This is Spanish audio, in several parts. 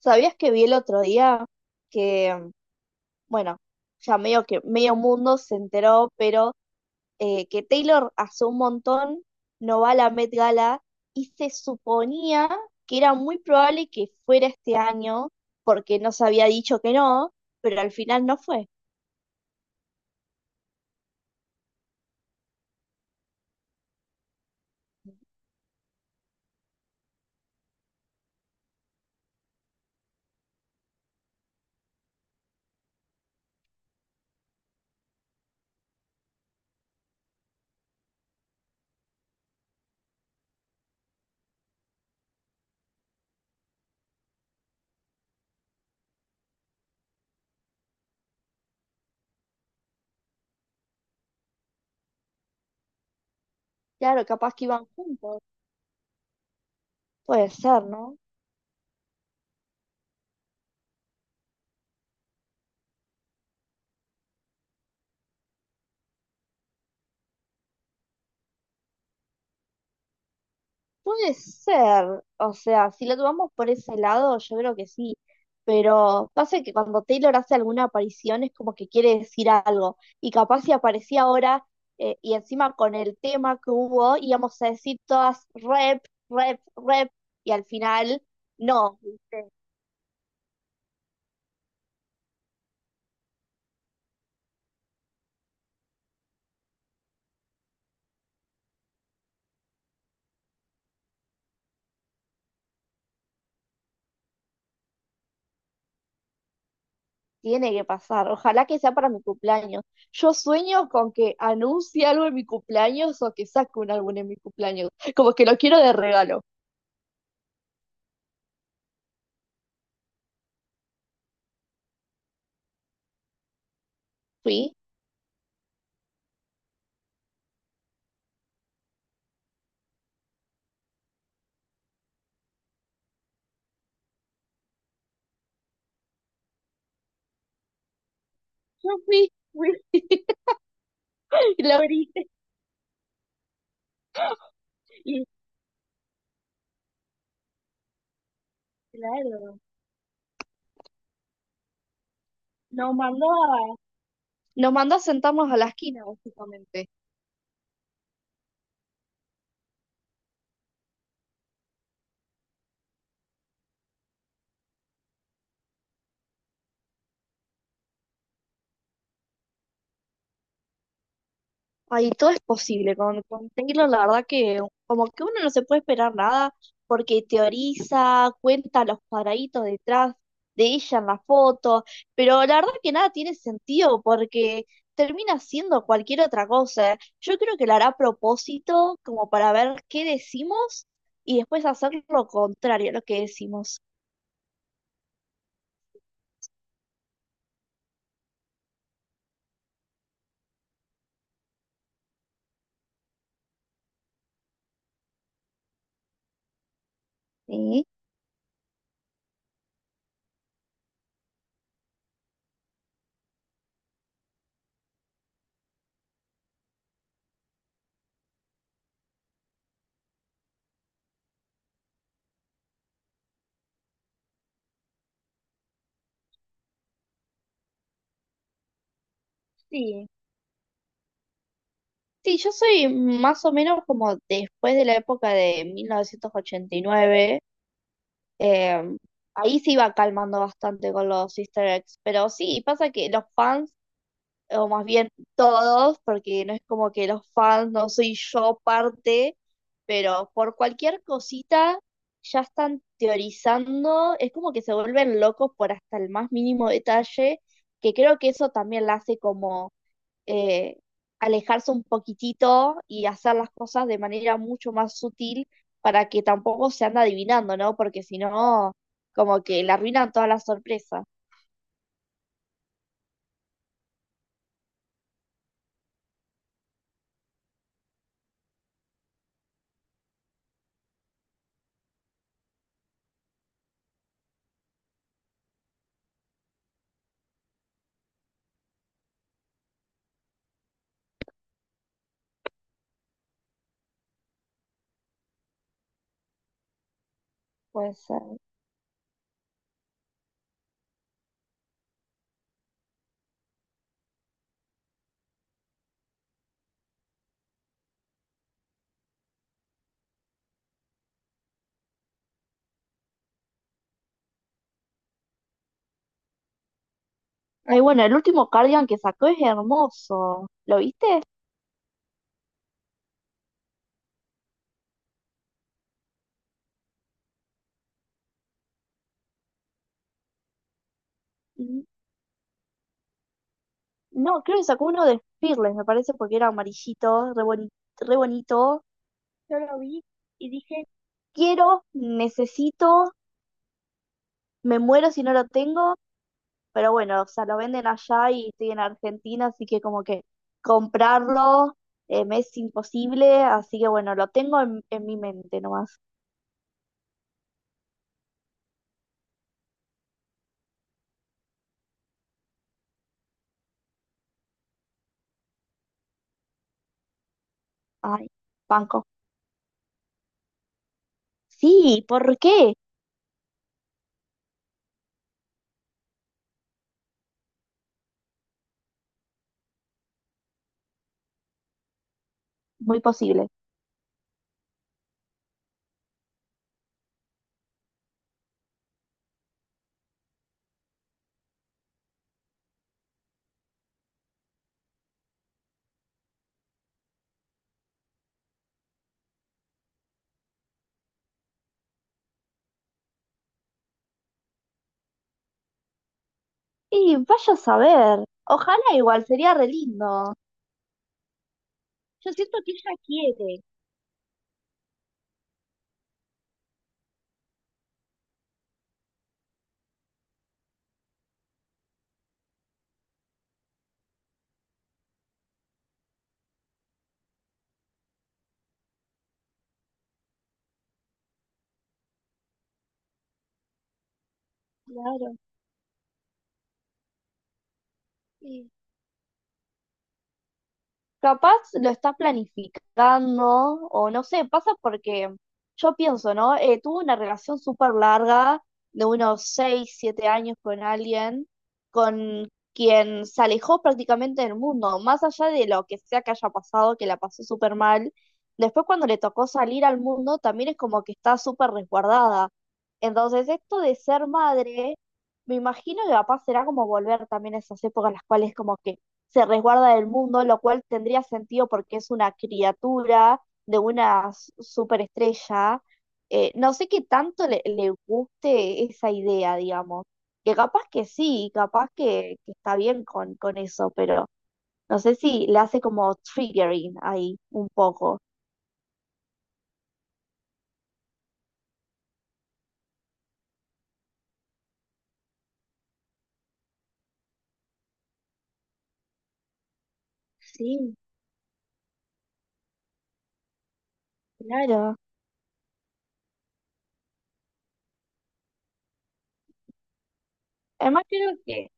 ¿Sabías que vi el otro día que, bueno, ya medio que medio mundo se enteró, pero que Taylor hace un montón no va a la Met Gala y se suponía que era muy probable que fuera este año porque no se había dicho que no, pero al final no fue. Claro, capaz que iban juntos. Puede ser, ¿no? Puede ser, o sea, si lo tomamos por ese lado, yo creo que sí, pero pasa que cuando Taylor hace alguna aparición es como que quiere decir algo, y capaz si aparecía ahora y encima con el tema que hubo, íbamos a decir todas rep, y al final no, ¿viste? Tiene que pasar, ojalá que sea para mi cumpleaños. Yo sueño con que anuncie algo en mi cumpleaños o que saque un álbum en mi cumpleaños, como que lo quiero de regalo. Fui, fui. Y la abriste, y claro, nos mandó a, nos mandó a sentarnos a la esquina, básicamente. Ahí todo es posible. Con Taylor, la verdad que como que uno no se puede esperar nada, porque teoriza, cuenta los cuadraditos detrás de ella en la foto, pero la verdad que nada tiene sentido, porque termina siendo cualquier otra cosa. Yo creo que lo hará a propósito, como para ver qué decimos, y después hacer lo contrario a lo que decimos. Sí. ¿Sí? Sí, yo soy más o menos como después de la época de 1989. eh, Ahí se iba calmando bastante con los Easter eggs. Pero sí, pasa que los fans, o más bien todos, porque no es como que los fans no soy yo parte, pero por cualquier cosita ya están teorizando. Es como que se vuelven locos por hasta el más mínimo detalle, que creo que eso también la hace como eh, alejarse un poquitito y hacer las cosas de manera mucho más sutil para que tampoco se anda adivinando, ¿no? Porque si no, como que le arruinan todas las sorpresas. Puede ser. Ay, bueno, el último cardigan que sacó es hermoso. ¿Lo viste? N- No, creo que sacó uno de Fearless, me parece, porque era amarillito, re bonito. Yo lo vi y dije, quiero, necesito, me muero si no lo tengo. Pero bueno, o sea, lo venden allá y estoy en Argentina, así que como que comprarlo me es imposible, así que bueno, lo tengo en mi mente nomás. Ay, banco. Sí, ¿por qué? Muy posible. Y vaya a saber. Ojalá igual, sería re lindo. Yo siento que ella quiere. Claro. Sí. Capaz lo está planificando o no sé, pasa porque yo pienso, ¿no? Tuve una relación súper larga de unos 6 7 años con alguien con quien se alejó prácticamente del mundo, más allá de lo que sea que haya pasado, que la pasó súper mal. Después cuando le tocó salir al mundo también es como que está súper resguardada. Entonces esto de ser madre, me imagino que capaz será como volver también a esas épocas en las cuales como que se resguarda del mundo, lo cual tendría sentido porque es una criatura de una superestrella. No sé qué tanto le guste esa idea, digamos. Que capaz que sí, capaz que está bien con eso, pero no sé si le hace como triggering ahí un poco. Sí, claro. Además, creo que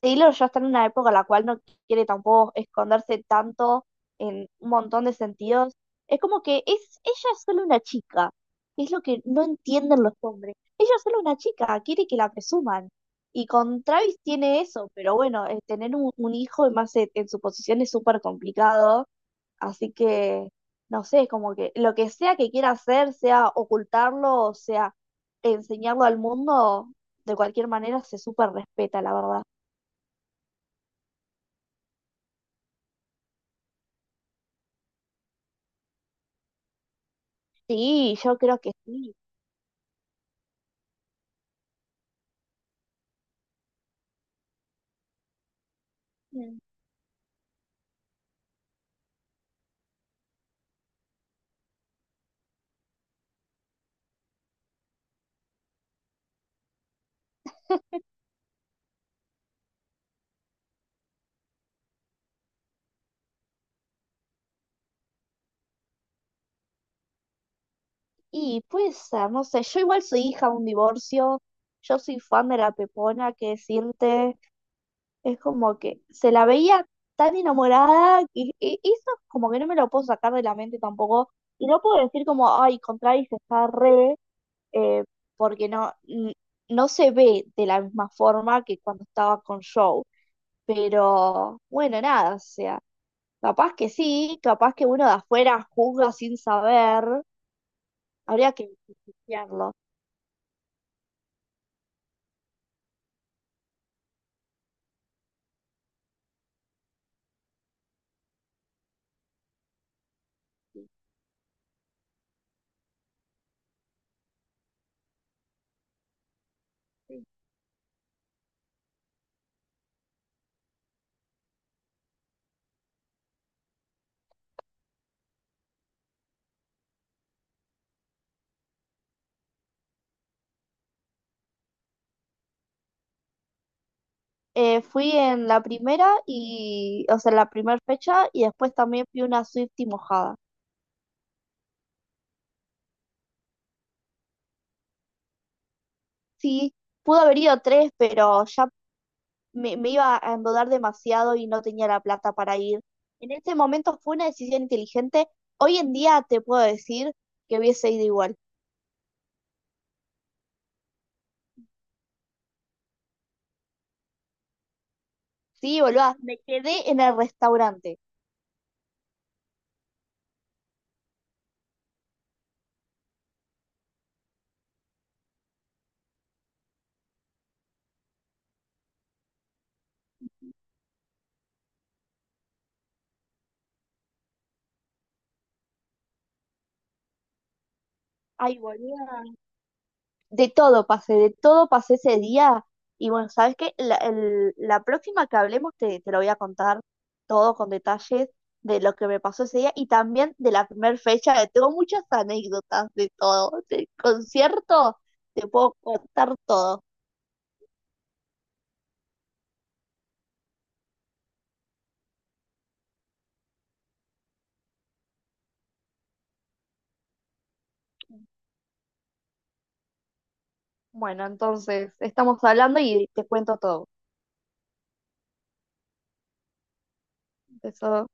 Taylor ya está en una época en la cual no quiere tampoco esconderse tanto en un montón de sentidos. Es como que es, ella es solo una chica. Es lo que no entienden los hombres. Ella es solo una chica, quiere que la presuman. Y con Travis tiene eso, pero bueno, tener un hijo y más en su posición es súper complicado. Así que, no sé, es como que lo que sea que quiera hacer, sea ocultarlo o sea enseñarlo al mundo, de cualquier manera se súper respeta, la verdad. Sí, yo creo que sí. Mm. Y pues, ser, no sé, yo igual soy hija de un divorcio, yo soy fan de la Pepona, que decirte. Es como que se la veía tan enamorada y, y eso como que no me lo puedo sacar de la mente tampoco. Y no puedo decir como, ay, con Travis está re, eh, porque no, no se ve de la misma forma que cuando estaba con Joe. Pero bueno, nada, o sea, capaz que sí, capaz que uno de afuera juzga sin saber, habría que investigarlo. Fui en la primera y, o sea, en la primera fecha y después también fui una Swiftie mojada. Sí, pudo haber ido tres, pero ya me iba a endeudar demasiado y no tenía la plata para ir. En ese momento fue una decisión inteligente. Hoy en día te puedo decir que hubiese ido igual. Sí, boluda, me quedé en el restaurante. Ay, boluda, de todo pasé ese día. Y bueno, ¿sabes qué? La próxima que hablemos te lo voy a contar todo con detalles de lo que me pasó ese día y también de la primera fecha. Que Tengo muchas anécdotas de todo, del concierto, te puedo contar todo. Bueno, entonces estamos hablando y te cuento todo. Eso.